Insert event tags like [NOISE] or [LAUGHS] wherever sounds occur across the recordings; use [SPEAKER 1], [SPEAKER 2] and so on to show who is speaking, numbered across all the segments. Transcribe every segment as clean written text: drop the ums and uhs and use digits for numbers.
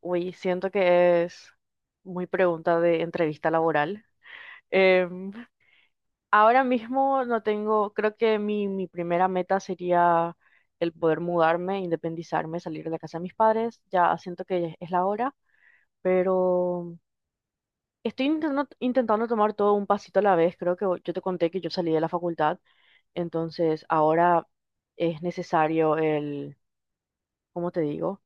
[SPEAKER 1] Uy, siento que es muy pregunta de entrevista laboral. Em, ahora mismo no tengo, creo que mi primera meta sería el poder mudarme, independizarme, salir de la casa de mis padres. Ya siento que es la hora, pero estoy intentando tomar todo un pasito a la vez. Creo que yo te conté que yo salí de la facultad, entonces ahora es necesario el, ¿cómo te digo?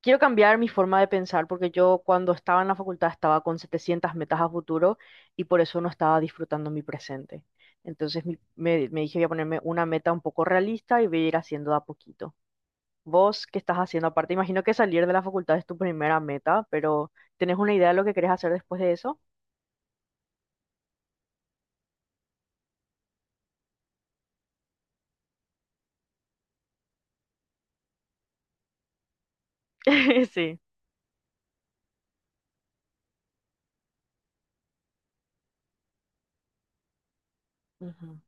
[SPEAKER 1] Quiero cambiar mi forma de pensar porque yo cuando estaba en la facultad estaba con 700 metas a futuro y por eso no estaba disfrutando mi presente. Entonces me dije voy a ponerme una meta un poco realista y voy a ir haciendo de a poquito. ¿Vos qué estás haciendo aparte? Imagino que salir de la facultad es tu primera meta, pero ¿tenés una idea de lo que querés hacer después de eso? [LAUGHS] Sí. Ujú,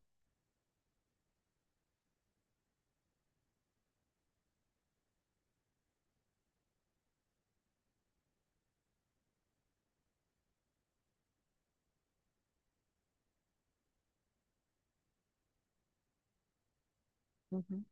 [SPEAKER 1] ujú.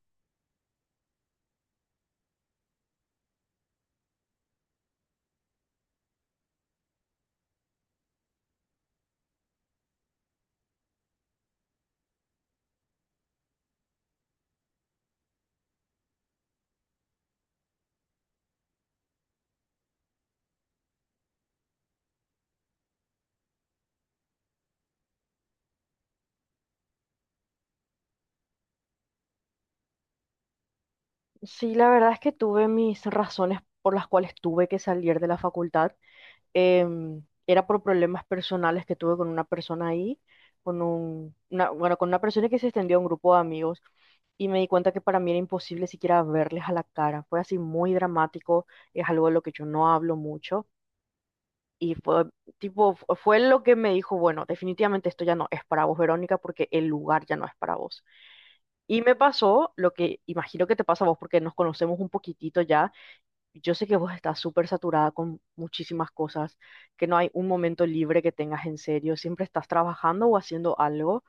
[SPEAKER 1] Sí, la verdad es que tuve mis razones por las cuales tuve que salir de la facultad. Era por problemas personales que tuve con una persona ahí, con con una persona que se extendió a un grupo de amigos y me di cuenta que para mí era imposible siquiera verles a la cara. Fue así muy dramático, es algo de lo que yo no hablo mucho. Y fue tipo, fue lo que me dijo, bueno, definitivamente esto ya no es para vos, Verónica, porque el lugar ya no es para vos. Y me pasó lo que imagino que te pasa a vos porque nos conocemos un poquitito ya, yo sé que vos estás súper saturada con muchísimas cosas, que no hay un momento libre que tengas en serio, siempre estás trabajando o haciendo algo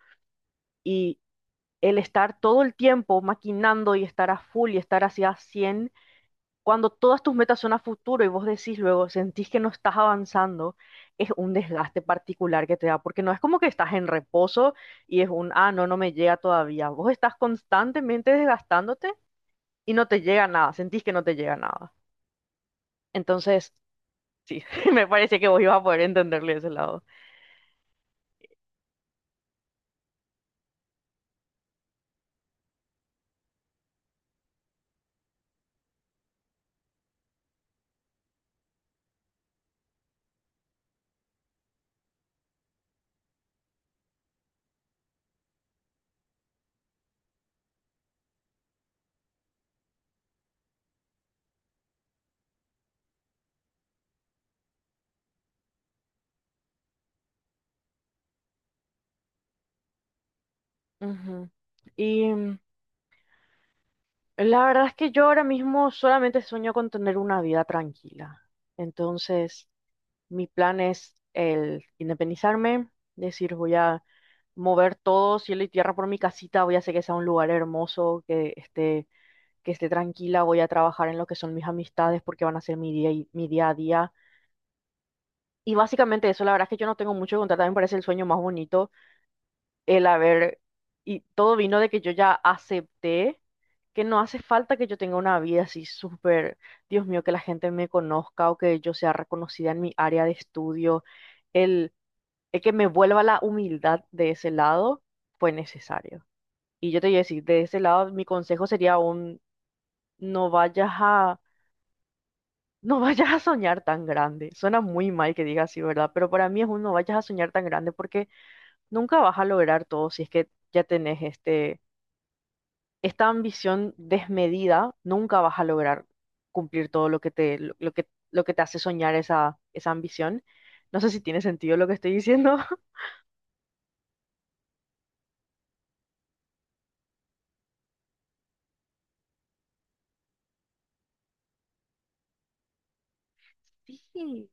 [SPEAKER 1] y el estar todo el tiempo maquinando y estar a full y estar hacia 100 cuando todas tus metas son a futuro y vos decís luego, sentís que no estás avanzando, es un desgaste particular que te da, porque no es como que estás en reposo y es no, me llega todavía, vos estás constantemente desgastándote y no te llega nada, sentís que no te llega nada. Entonces, sí, [LAUGHS] me parece que vos ibas a poder entenderle ese lado. Ujú. Y la verdad es que yo ahora mismo solamente sueño con tener una vida tranquila. Entonces, mi plan es el independizarme, decir, voy a mover todo cielo y tierra por mi casita, voy a hacer que sea un lugar hermoso, que esté tranquila, voy a trabajar en lo que son mis amistades porque van a ser mi día a día. Y básicamente eso, la verdad es que yo no tengo mucho que contar, también me parece el sueño más bonito. El haber, y todo vino de que yo ya acepté que no hace falta que yo tenga una vida así súper, Dios mío, que la gente me conozca o que yo sea reconocida en mi área de estudio. El, el que me vuelva la humildad de ese lado fue necesario. Y yo te voy a decir, de ese lado mi consejo sería no vayas a, [LAUGHS] no vayas a soñar tan grande. Suena muy mal que diga así, ¿verdad? Pero para mí es un no vayas a soñar tan grande porque nunca vas a lograr todo si es que ya tenés esta ambición desmedida nunca vas a lograr cumplir todo lo que te hace soñar esa ambición. No sé si tiene sentido lo que estoy diciendo. [LAUGHS] Sí.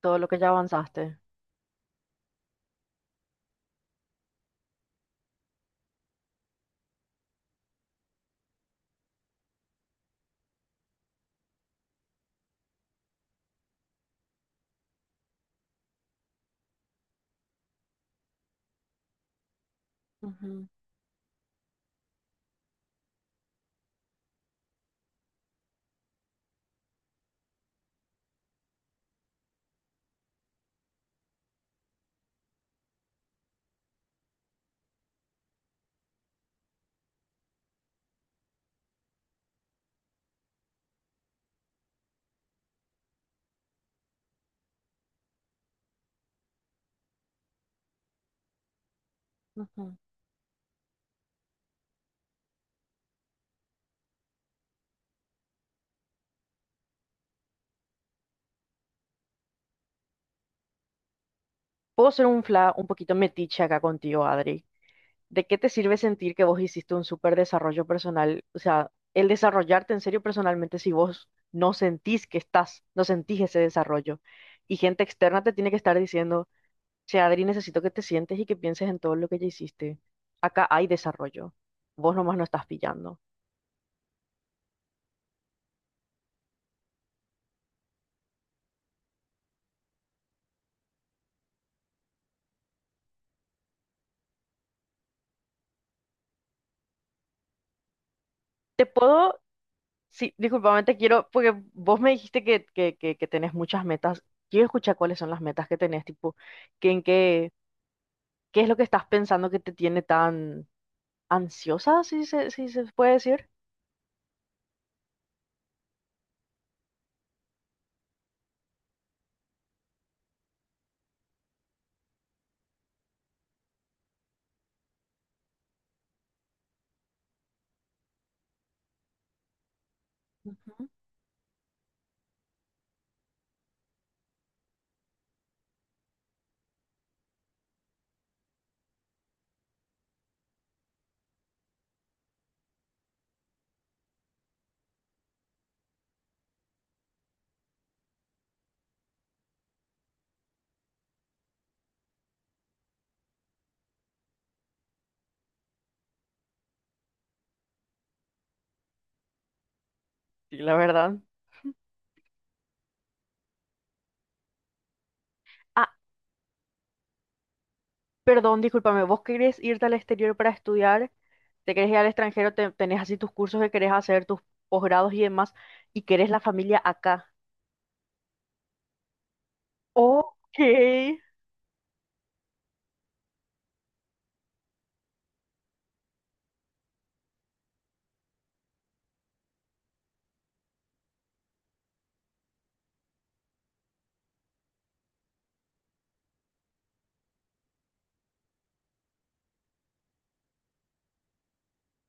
[SPEAKER 1] Todo lo que ya avanzaste. Ujú, ujú. Puedo ser un poquito metiche acá contigo, Adri. ¿De qué te sirve sentir que vos hiciste un súper desarrollo personal? O sea, el desarrollarte en serio personalmente si vos no sentís ese desarrollo. Y gente externa te tiene que estar diciendo. Sea, Adri, necesito que te sientes y que pienses en todo lo que ya hiciste. Acá hay desarrollo. Vos nomás no estás pillando. Te puedo, sí, disculpame, te quiero, porque vos me dijiste que tenés muchas metas. Quiero escuchar cuáles son las metas que tenés, tipo, que en qué, qué es lo que estás pensando que te tiene tan ansiosa, si se puede decir. Ujú. Sí, la verdad. Ah. Perdón, discúlpame, ¿vos querés irte al exterior para estudiar? ¿Te querés ir al extranjero? ¿Tenés así tus cursos que querés hacer, tus posgrados y demás? ¿Y querés la familia acá? Ok.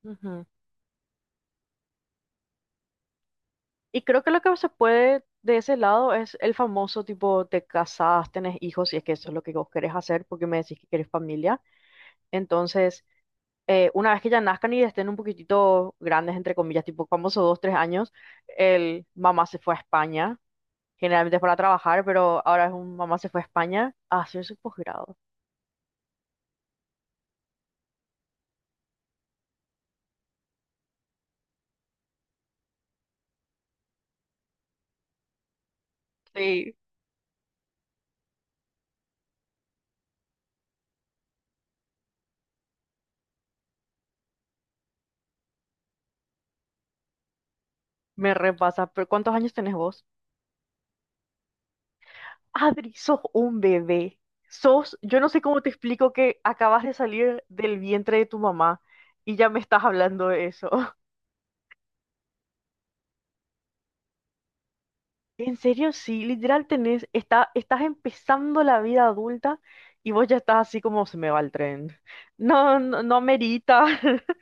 [SPEAKER 1] Ujú. Y creo que lo que se puede de ese lado es el famoso tipo, te casás, tenés hijos, si es que eso es lo que vos querés hacer, porque me decís que querés familia. Entonces, una vez que ya nazcan y estén un poquitito grandes, entre comillas, tipo famoso dos, tres años, el mamá se fue a España, generalmente es para trabajar, pero ahora es un mamá se fue a España a hacer su posgrado. Sí, me repasa. ¿Pero cuántos años tenés vos? Adri, sos un bebé. Sos, yo no sé cómo te explico que acabas de salir del vientre de tu mamá y ya me estás hablando de eso. [LAUGHS] En serio, sí, literal estás empezando la vida adulta y vos ya estás así como se me va el tren. No, no, no amerita. [LAUGHS]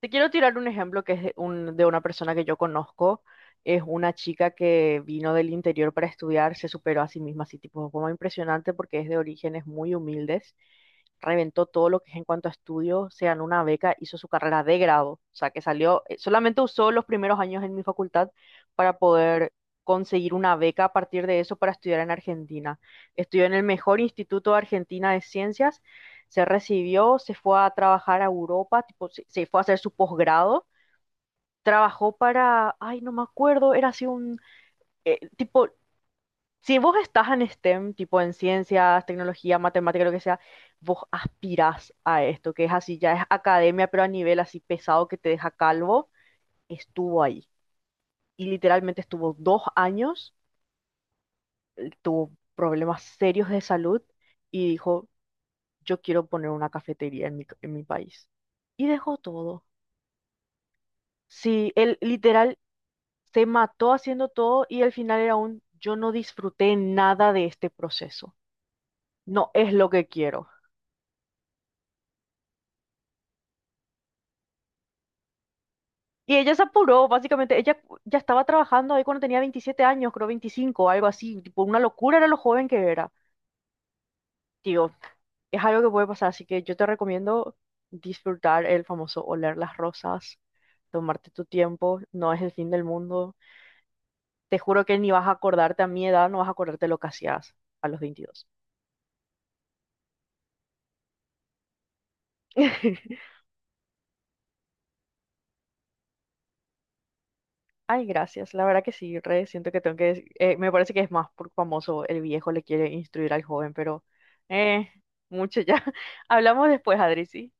[SPEAKER 1] Te quiero tirar un ejemplo que es de una persona que yo conozco. Es una chica que vino del interior para estudiar, se superó a sí misma, así tipo como impresionante porque es de orígenes muy humildes. Reventó todo lo que es en cuanto a estudio, se ganó una beca, hizo su carrera de grado, o sea que salió, solamente usó los primeros años en mi facultad para poder conseguir una beca a partir de eso para estudiar en Argentina. Estudió en el mejor instituto de Argentina de ciencias, se recibió, se fue a trabajar a Europa, tipo, se fue a hacer su posgrado, trabajó para, ay, no me acuerdo, era así tipo, si vos estás en STEM, tipo en ciencias, tecnología, matemática, lo que sea, vos aspirás a esto, que es así, ya es academia, pero a nivel así pesado que te deja calvo, estuvo ahí. Y literalmente estuvo dos años, tuvo problemas serios de salud y dijo, yo quiero poner una cafetería en mi país. Y dejó todo. Sí, él literal se mató haciendo todo y al final era un yo no disfruté nada de este proceso. No es lo que quiero. Y ella se apuró, básicamente. Ella ya estaba trabajando ahí cuando tenía 27 años, creo 25, algo así. Tipo, una locura era lo joven que era. Tío, es algo que puede pasar, así que yo te recomiendo disfrutar el famoso oler las rosas, tomarte tu tiempo, no es el fin del mundo. Te juro que ni vas a acordarte a mi edad, no vas a acordarte lo que hacías a los 22. [LAUGHS] Ay, gracias. La verdad que sí, re, siento que tengo que... me parece que es más por famoso el viejo le quiere instruir al joven, pero eh, mucho ya. [LAUGHS] Hablamos después, Adri, ¿sí?